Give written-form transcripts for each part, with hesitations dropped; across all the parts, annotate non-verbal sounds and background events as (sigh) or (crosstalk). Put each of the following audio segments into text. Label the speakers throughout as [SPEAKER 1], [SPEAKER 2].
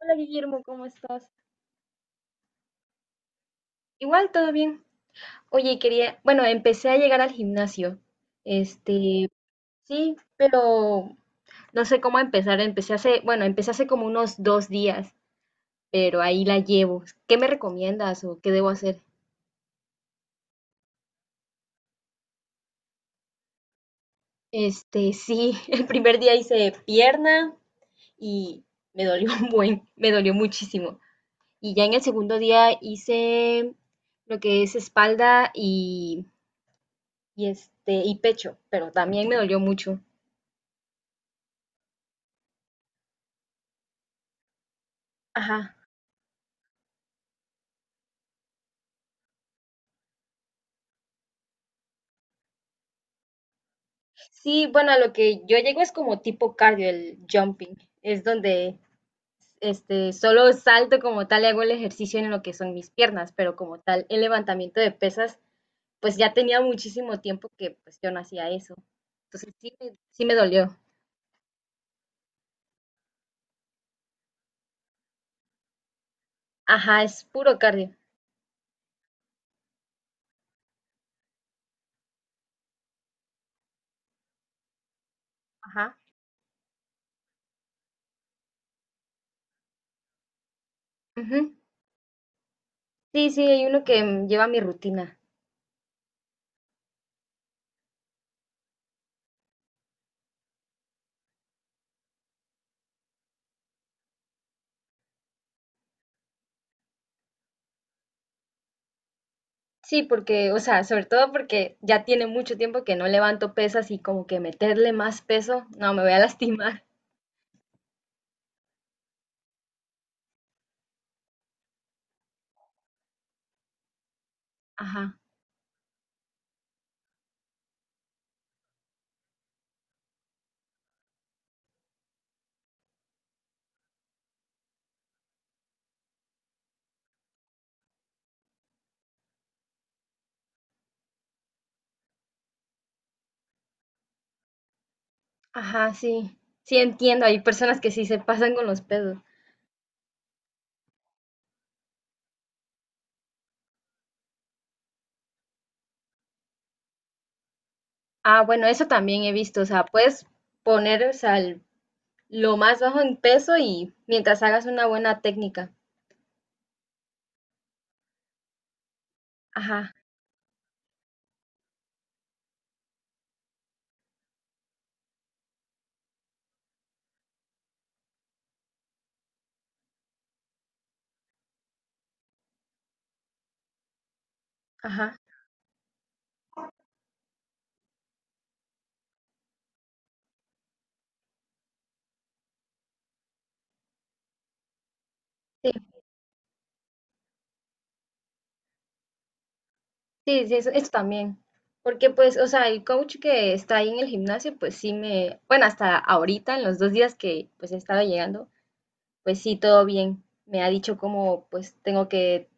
[SPEAKER 1] Hola Guillermo, ¿cómo estás? Igual, todo bien. Oye, quería, bueno, empecé a llegar al gimnasio. Este, sí, pero no sé cómo empezar. Empecé hace, bueno, empecé hace como unos dos días, pero ahí la llevo. ¿Qué me recomiendas o qué debo hacer? Este, sí, (laughs) el primer día hice pierna y me dolió un buen, me dolió muchísimo. Y ya en el segundo día hice lo que es espalda y y pecho, pero también me dolió mucho. Ajá. Sí, bueno, a lo que yo llego es como tipo cardio, el jumping. Es donde solo salto como tal y hago el ejercicio en lo que son mis piernas, pero como tal, el levantamiento de pesas, pues ya tenía muchísimo tiempo que pues yo no hacía eso. Entonces sí, sí me dolió. Ajá, es puro cardio. Ajá. Ujú. Sí, sí, hay uno que lleva mi rutina. Sí, porque, o sea, sobre todo porque ya tiene mucho tiempo que no levanto pesas y como que meterle más peso, no, me voy a (laughs) lastimar. Ajá. Ajá, sí. Sí, entiendo. Hay personas que sí se pasan con los pesos. Ah, bueno, eso también he visto. O sea, puedes poner, o sea, lo más bajo en peso y mientras hagas una buena técnica. Ajá, ajá. Sí, sí, sí, eso, eso también. Porque pues, o sea, el coach que está ahí en el gimnasio, pues sí me, bueno, hasta ahorita, en los dos días que pues he estado llegando, pues sí, todo bien. Me ha dicho cómo pues tengo que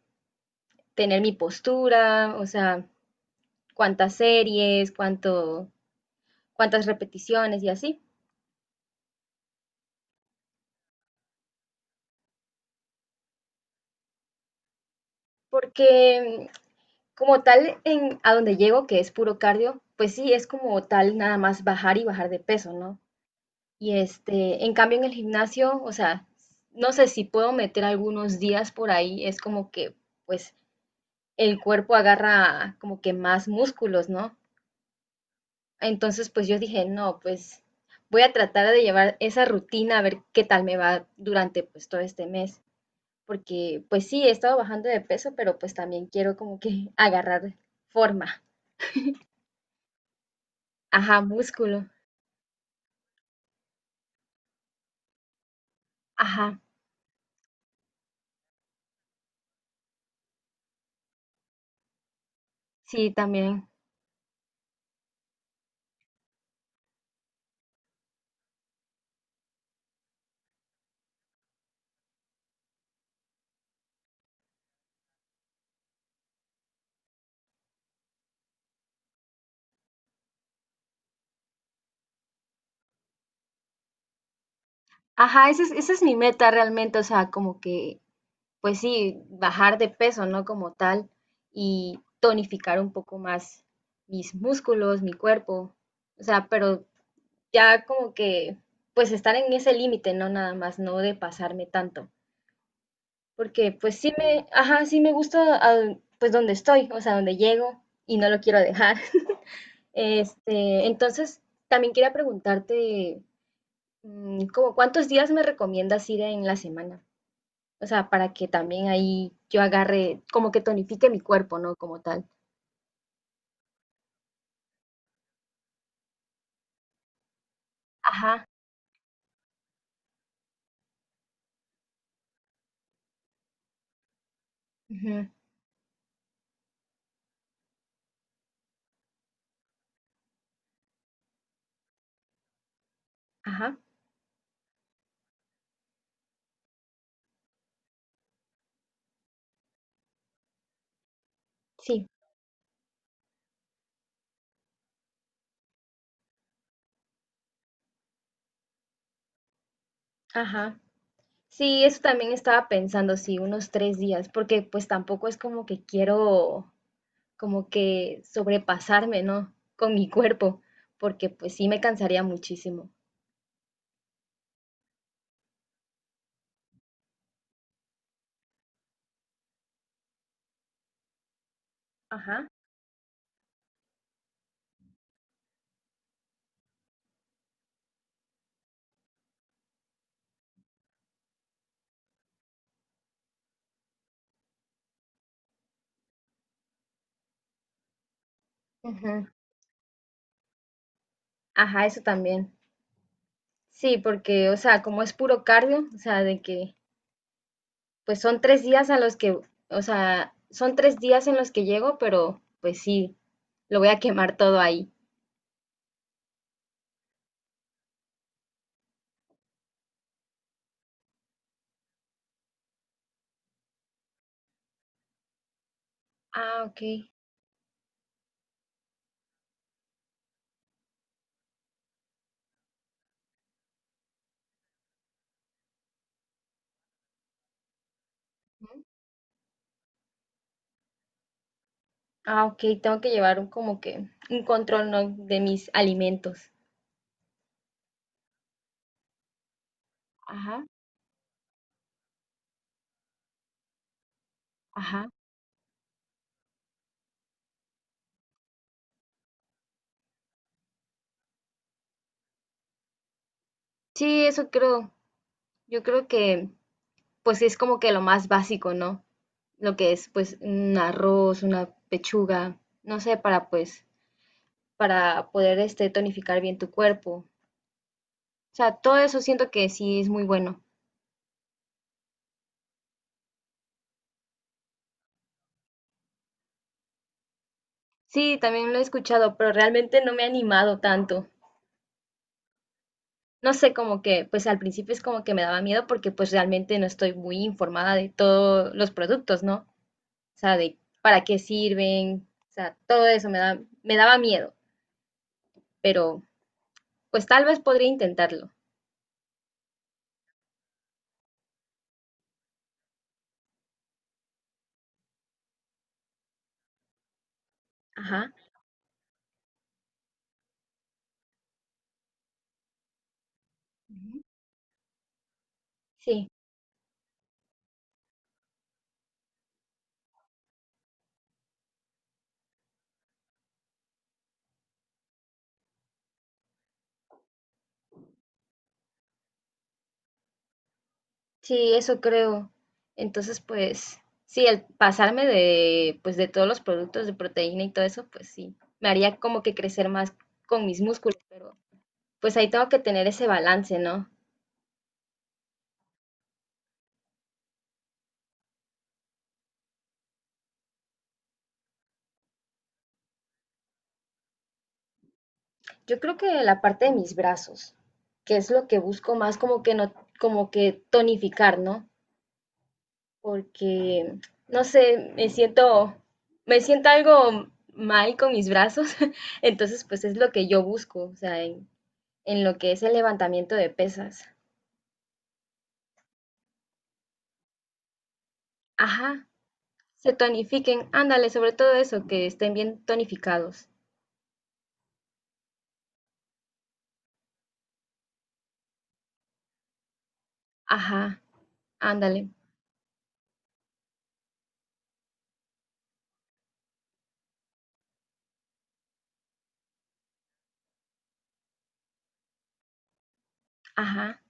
[SPEAKER 1] tener mi postura, o sea, cuántas series, cuánto cuántas repeticiones y así. Porque como tal, en, a donde llego, que es puro cardio, pues sí, es como tal nada más bajar y bajar de peso, ¿no? Y este, en cambio en el gimnasio, o sea, no sé si puedo meter algunos días por ahí, es como que pues el cuerpo agarra como que más músculos, ¿no? Entonces pues yo dije, no, pues voy a tratar de llevar esa rutina a ver qué tal me va durante pues todo este mes. Porque pues sí, he estado bajando de peso, pero pues también quiero como que (laughs) agarrar forma, ajá, músculo, ajá, sí, también, ajá, esa es mi meta realmente, o sea, como que, pues sí, bajar de peso, ¿no? Como tal, y tonificar un poco más mis músculos, mi cuerpo, o sea, pero ya como que, pues estar en ese límite, ¿no? Nada más, no de pasarme tanto. Porque pues sí me, ajá, sí me gusta ah, pues donde estoy, o sea, donde llego y no lo quiero dejar. (laughs) Este, entonces, también quería preguntarte, ¿como cuántos días me recomiendas ir en la semana? O sea, para que también ahí yo agarre, como que tonifique mi cuerpo, ¿no? Como tal. Ajá, ujú, ajá, sí, ajá. Sí, eso también estaba pensando, sí, unos tres días, porque pues tampoco es como que quiero como que sobrepasarme, ¿no? Con mi cuerpo, porque pues sí me cansaría muchísimo. Ajá. Ujú. Ajá, eso también. Sí, porque, o sea, como es puro cardio, o sea, de que, pues son tres días a los que, o sea, son tres días en los que llego, pero pues sí, lo voy a quemar todo ahí. Ah, ok. Ujú. Ah, ok, tengo que llevar un, como que un control, ¿no? De mis alimentos. Ajá, ajá. Sí, eso creo. Yo creo que pues sí es como que lo más básico, ¿no? Lo que es pues un arroz, una pechuga, no sé, para pues, para poder tonificar bien tu cuerpo. O sea, todo eso siento que sí es muy bueno. Sí, también lo he escuchado, pero realmente no me ha animado tanto. No sé, como que, pues al principio es como que me daba miedo porque pues realmente no estoy muy informada de todos los productos, ¿no? O sea, de para qué sirven, o sea, todo eso me da, me daba miedo, pero pues tal vez podría intentarlo. Ajá. Sí, sí, eso creo. Entonces, pues, sí, el pasarme de, pues, de todos los productos de proteína y todo eso, pues sí, me haría como que crecer más con mis músculos, pero pues ahí tengo que tener ese balance, ¿no? Yo creo que la parte de mis brazos, que es lo que busco más como que no, como que tonificar, ¿no? Porque, no sé, me siento algo mal con mis brazos, (laughs) entonces, pues es lo que yo busco, o sea, en lo que es el levantamiento de pesas. Ajá, se tonifiquen, ándale, sobre todo eso, que estén bien tonificados. Ajá, ándale, ajá,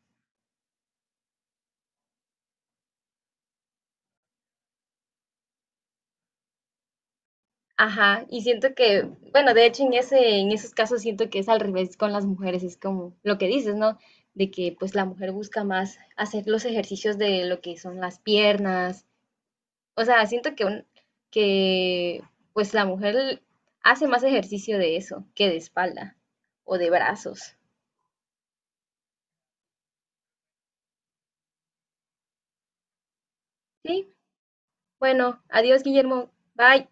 [SPEAKER 1] ajá. Y siento que, bueno, de hecho en ese, en esos casos siento que es al revés con las mujeres, es como lo que dices, ¿no? De que pues la mujer busca más hacer los ejercicios de lo que son las piernas. O sea, siento que, que pues la mujer hace más ejercicio de eso que de espalda o de brazos. Sí, bueno, adiós, Guillermo. Bye.